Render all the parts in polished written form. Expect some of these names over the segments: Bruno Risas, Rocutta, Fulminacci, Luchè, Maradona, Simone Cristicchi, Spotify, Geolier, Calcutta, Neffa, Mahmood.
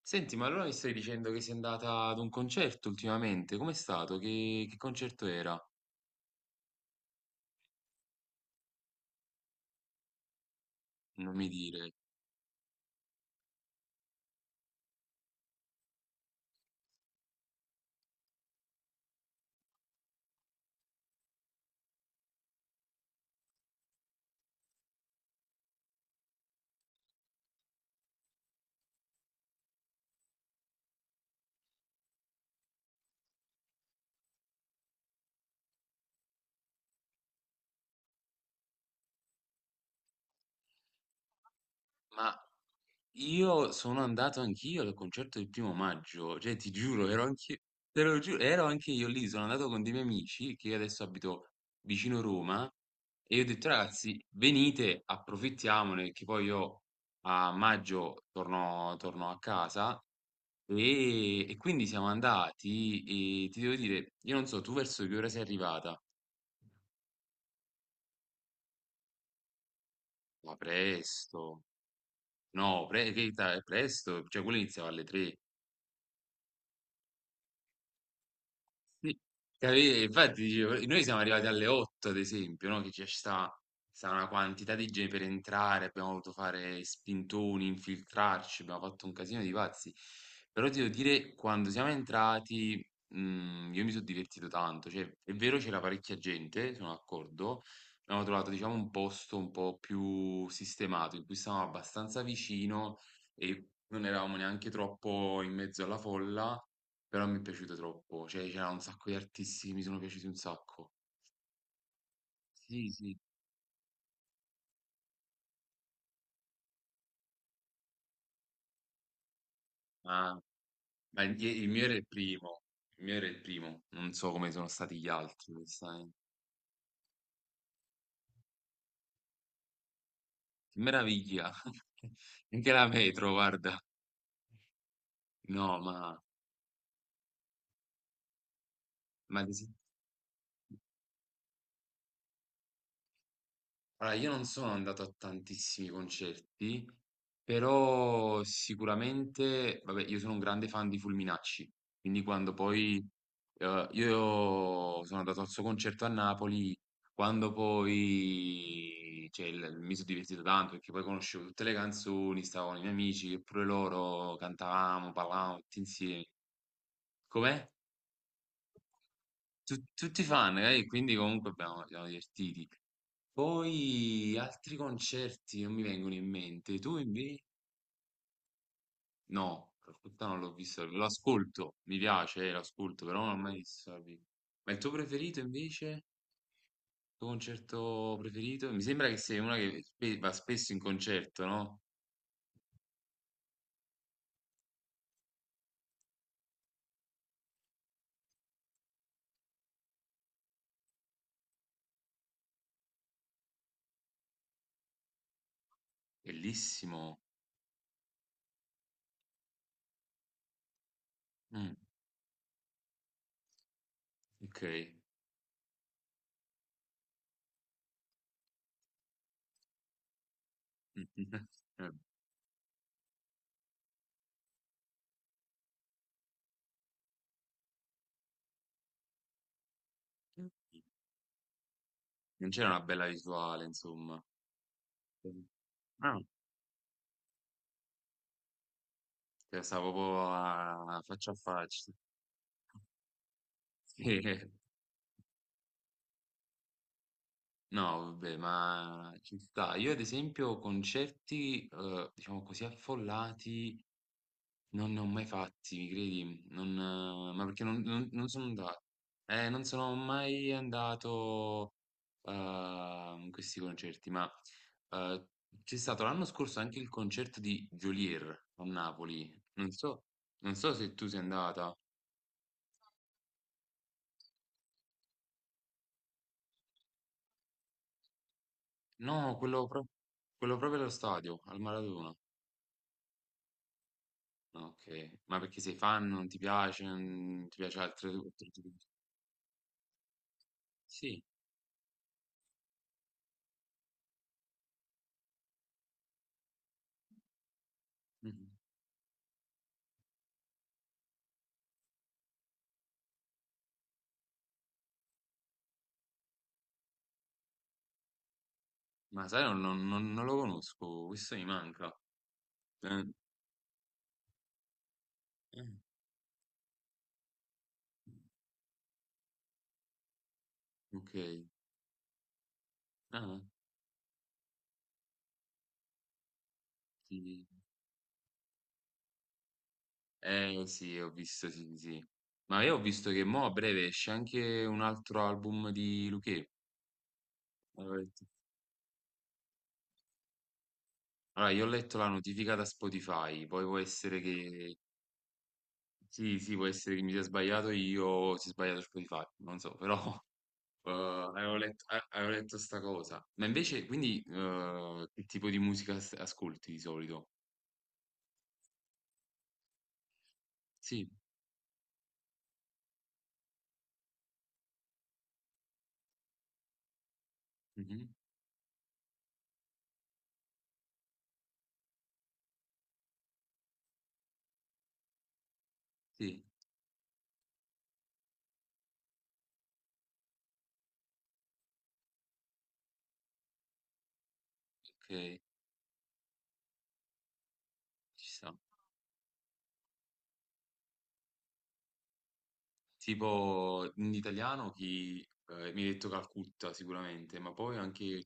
Senti, ma allora mi stai dicendo che sei andata ad un concerto ultimamente? Com'è stato? Che concerto era? Non mi dire. Ma Io sono andato anch'io al concerto del primo maggio, cioè ti giuro, te lo giuro, ero anche io lì, sono andato con dei miei amici che io adesso abito vicino Roma e io ho detto ragazzi, venite, approfittiamone, che poi io a maggio torno a casa e quindi siamo andati e ti devo dire, io non so, tu verso che ora sei arrivata? Ma presto, no, è presto, cioè quello iniziava alle tre. Sì, infatti, dicevo, noi siamo arrivati alle 8, ad esempio, no? Che ci sta, una quantità di gente per entrare, abbiamo dovuto fare spintoni, infiltrarci, abbiamo fatto un casino di pazzi. Però ti devo dire, quando siamo entrati, io mi sono divertito tanto. Cioè, è vero, c'era parecchia gente, sono d'accordo. Abbiamo trovato, diciamo, un posto un po' più sistemato, in cui stavamo abbastanza vicino e non eravamo neanche troppo in mezzo alla folla, però mi è piaciuto troppo, cioè c'era un sacco di artisti che mi sono piaciuti un sacco. Sì, sì. Ma, ma il mio era il mio era il primo, non so come sono stati gli altri, onestamente. Che meraviglia! Anche la metro, guarda. No, ma ad esempio- Allora, io non sono andato a tantissimi concerti, però sicuramente, vabbè, io sono un grande fan di Fulminacci, quindi quando poi io sono andato al suo concerto a Napoli, quando poi mi sono divertito tanto perché poi conoscevo tutte le canzoni, stavo con i miei amici, e pure loro cantavamo, parlavamo tutti insieme. Com'è? Tutti fan, eh? Quindi comunque ci siamo divertiti. Poi altri concerti non mi vengono in mente. Tu invece? No, Rocutta non l'ho visto. Lo ascolto, mi piace, lo ascolto, però non l'ho mai visto dal vivo. Ma il tuo preferito invece? Il tuo concerto preferito? Mi sembra che sei una che va spesso in concerto, no? Bellissimo. Mm, ok. Eh, non c'era una bella visuale, insomma. Ah, stavo proprio a faccia a faccia. Sì. No, vabbè, ma ci sta. Io ad esempio concerti, diciamo così, affollati non ne ho mai fatti, mi credi? Non, ma perché non sono andato. Non sono mai andato in questi concerti, ma eh, c'è stato l'anno scorso anche il concerto di Geolier a Napoli. Non so, non so se tu sei andata. No, quello, pro- Quello proprio allo stadio, al Maradona. Ok, ma perché sei fan, non ti piace, non ti piace tipi di... Sì, mhm. Ma sai, non lo conosco, questo mi manca. Eh, eh, ok, ah, sì. Eh sì, ho visto, sì, sì. Ma io ho visto che mo a breve esce anche un altro album di Luchè. Allora, allora, io ho letto la notifica da Spotify, poi può essere che... Sì, sì, può essere che mi sia sbagliato io, o si è sbagliato Spotify, non so, però... Eh, avevo letto sta cosa. Ma invece, quindi, che tipo di musica ascolti di solito? Sì, mhm, sì, ok, ci sta. Tipo, in italiano chi mi hai detto Calcutta sicuramente, ma poi anche...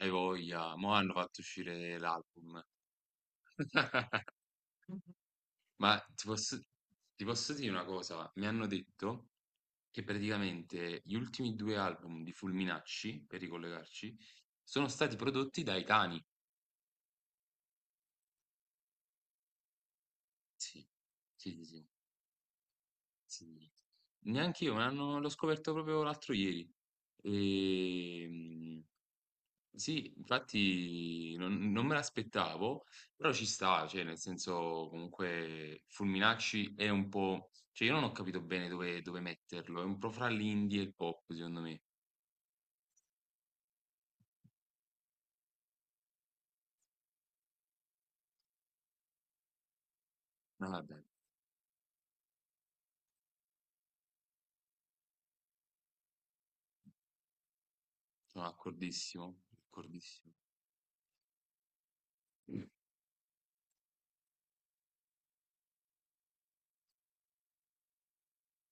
Hai voglia, mo hanno fatto uscire l'album. Ma ti posso, ti posso dire una cosa, mi hanno detto che praticamente gli ultimi due album di Fulminacci, per ricollegarci, sono stati prodotti dai cani. Sì, sì, sì, sì, sì. Neanch'io, l'ho scoperto proprio l'altro ieri. Ehm, sì, infatti non me l'aspettavo, però ci sta, cioè, nel senso, comunque, Fulminacci è un po'... Cioè, io non ho capito bene dove metterlo, è un po' fra l'indie e il pop, secondo me. No, vabbè, sono d'accordissimo, d'accordissimo.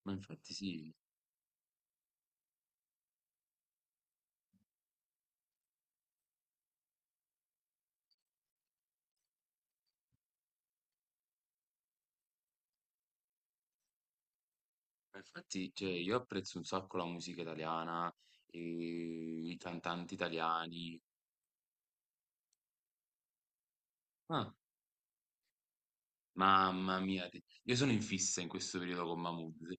Ma infatti sì, ma infatti, cioè, io apprezzo un sacco la musica italiana, e i cantanti italiani. Ah, mamma mia, io sono in fissa in questo periodo con Mahmood, sì.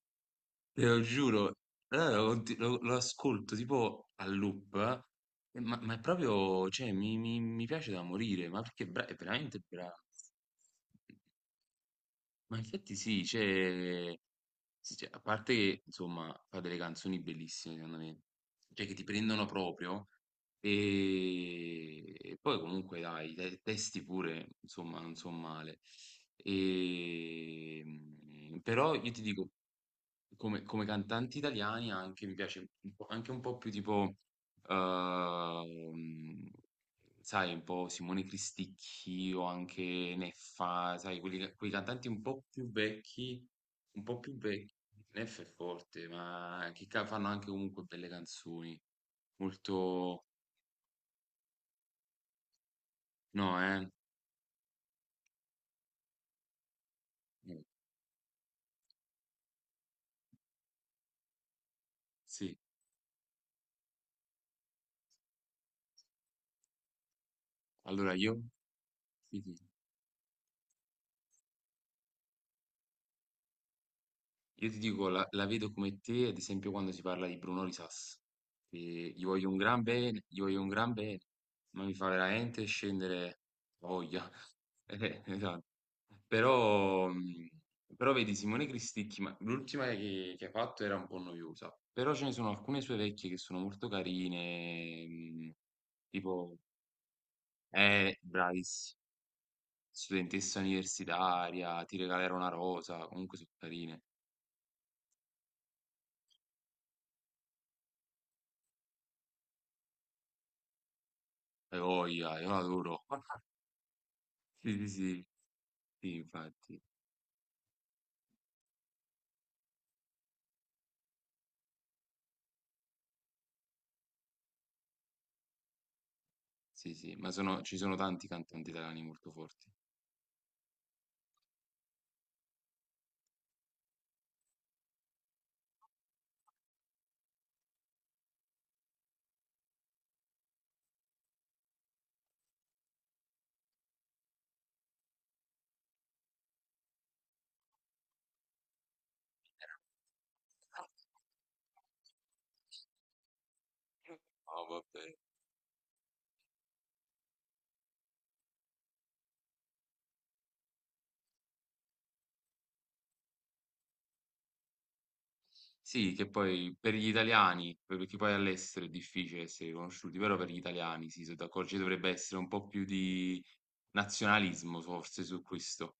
Te lo giuro. Allora lo ascolto tipo a loop, ma è proprio, cioè, mi piace da morire, ma perché è, è veramente bravo. Ma infatti sì, cioè, a parte che insomma fa delle canzoni bellissime secondo me, cioè che ti prendono proprio e poi comunque dai, i testi pure insomma non sono male. E, mm, però io ti dico, come cantanti italiani anche mi piace un po', anche un po' più tipo, ehm, sai, un po' Simone Cristicchi o anche Neffa, sai, quei cantanti un po' più vecchi, un po' più vecchi. Neffa è forte, ma fanno anche comunque belle canzoni. Molto... No, eh? Eh, Sì. Allora io... sì, sì. Io ti dico, la vedo come te, ad esempio, quando si parla di Bruno Risas, che gli voglio un gran bene, gli voglio un gran bene, ma mi fa veramente scendere la voglia. Esatto. Però, però vedi, Simone Cristicchi, ma l'ultima che ha fatto era un po' noiosa, però ce ne sono alcune sue vecchie che sono molto carine, tipo, bravissima, studentessa universitaria, ti regalerò una rosa, comunque sono carine. Hai voglia, io adoro. Sì, sì, sì, sì, infatti. Sì, sì, ma ci sono tanti cantanti italiani molto forti. Ah, vabbè. Sì, che poi per gli italiani, perché poi all'estero è difficile essere riconosciuti, però per gli italiani, sì, sono d'accordo, ci dovrebbe essere un po' più di nazionalismo forse su questo.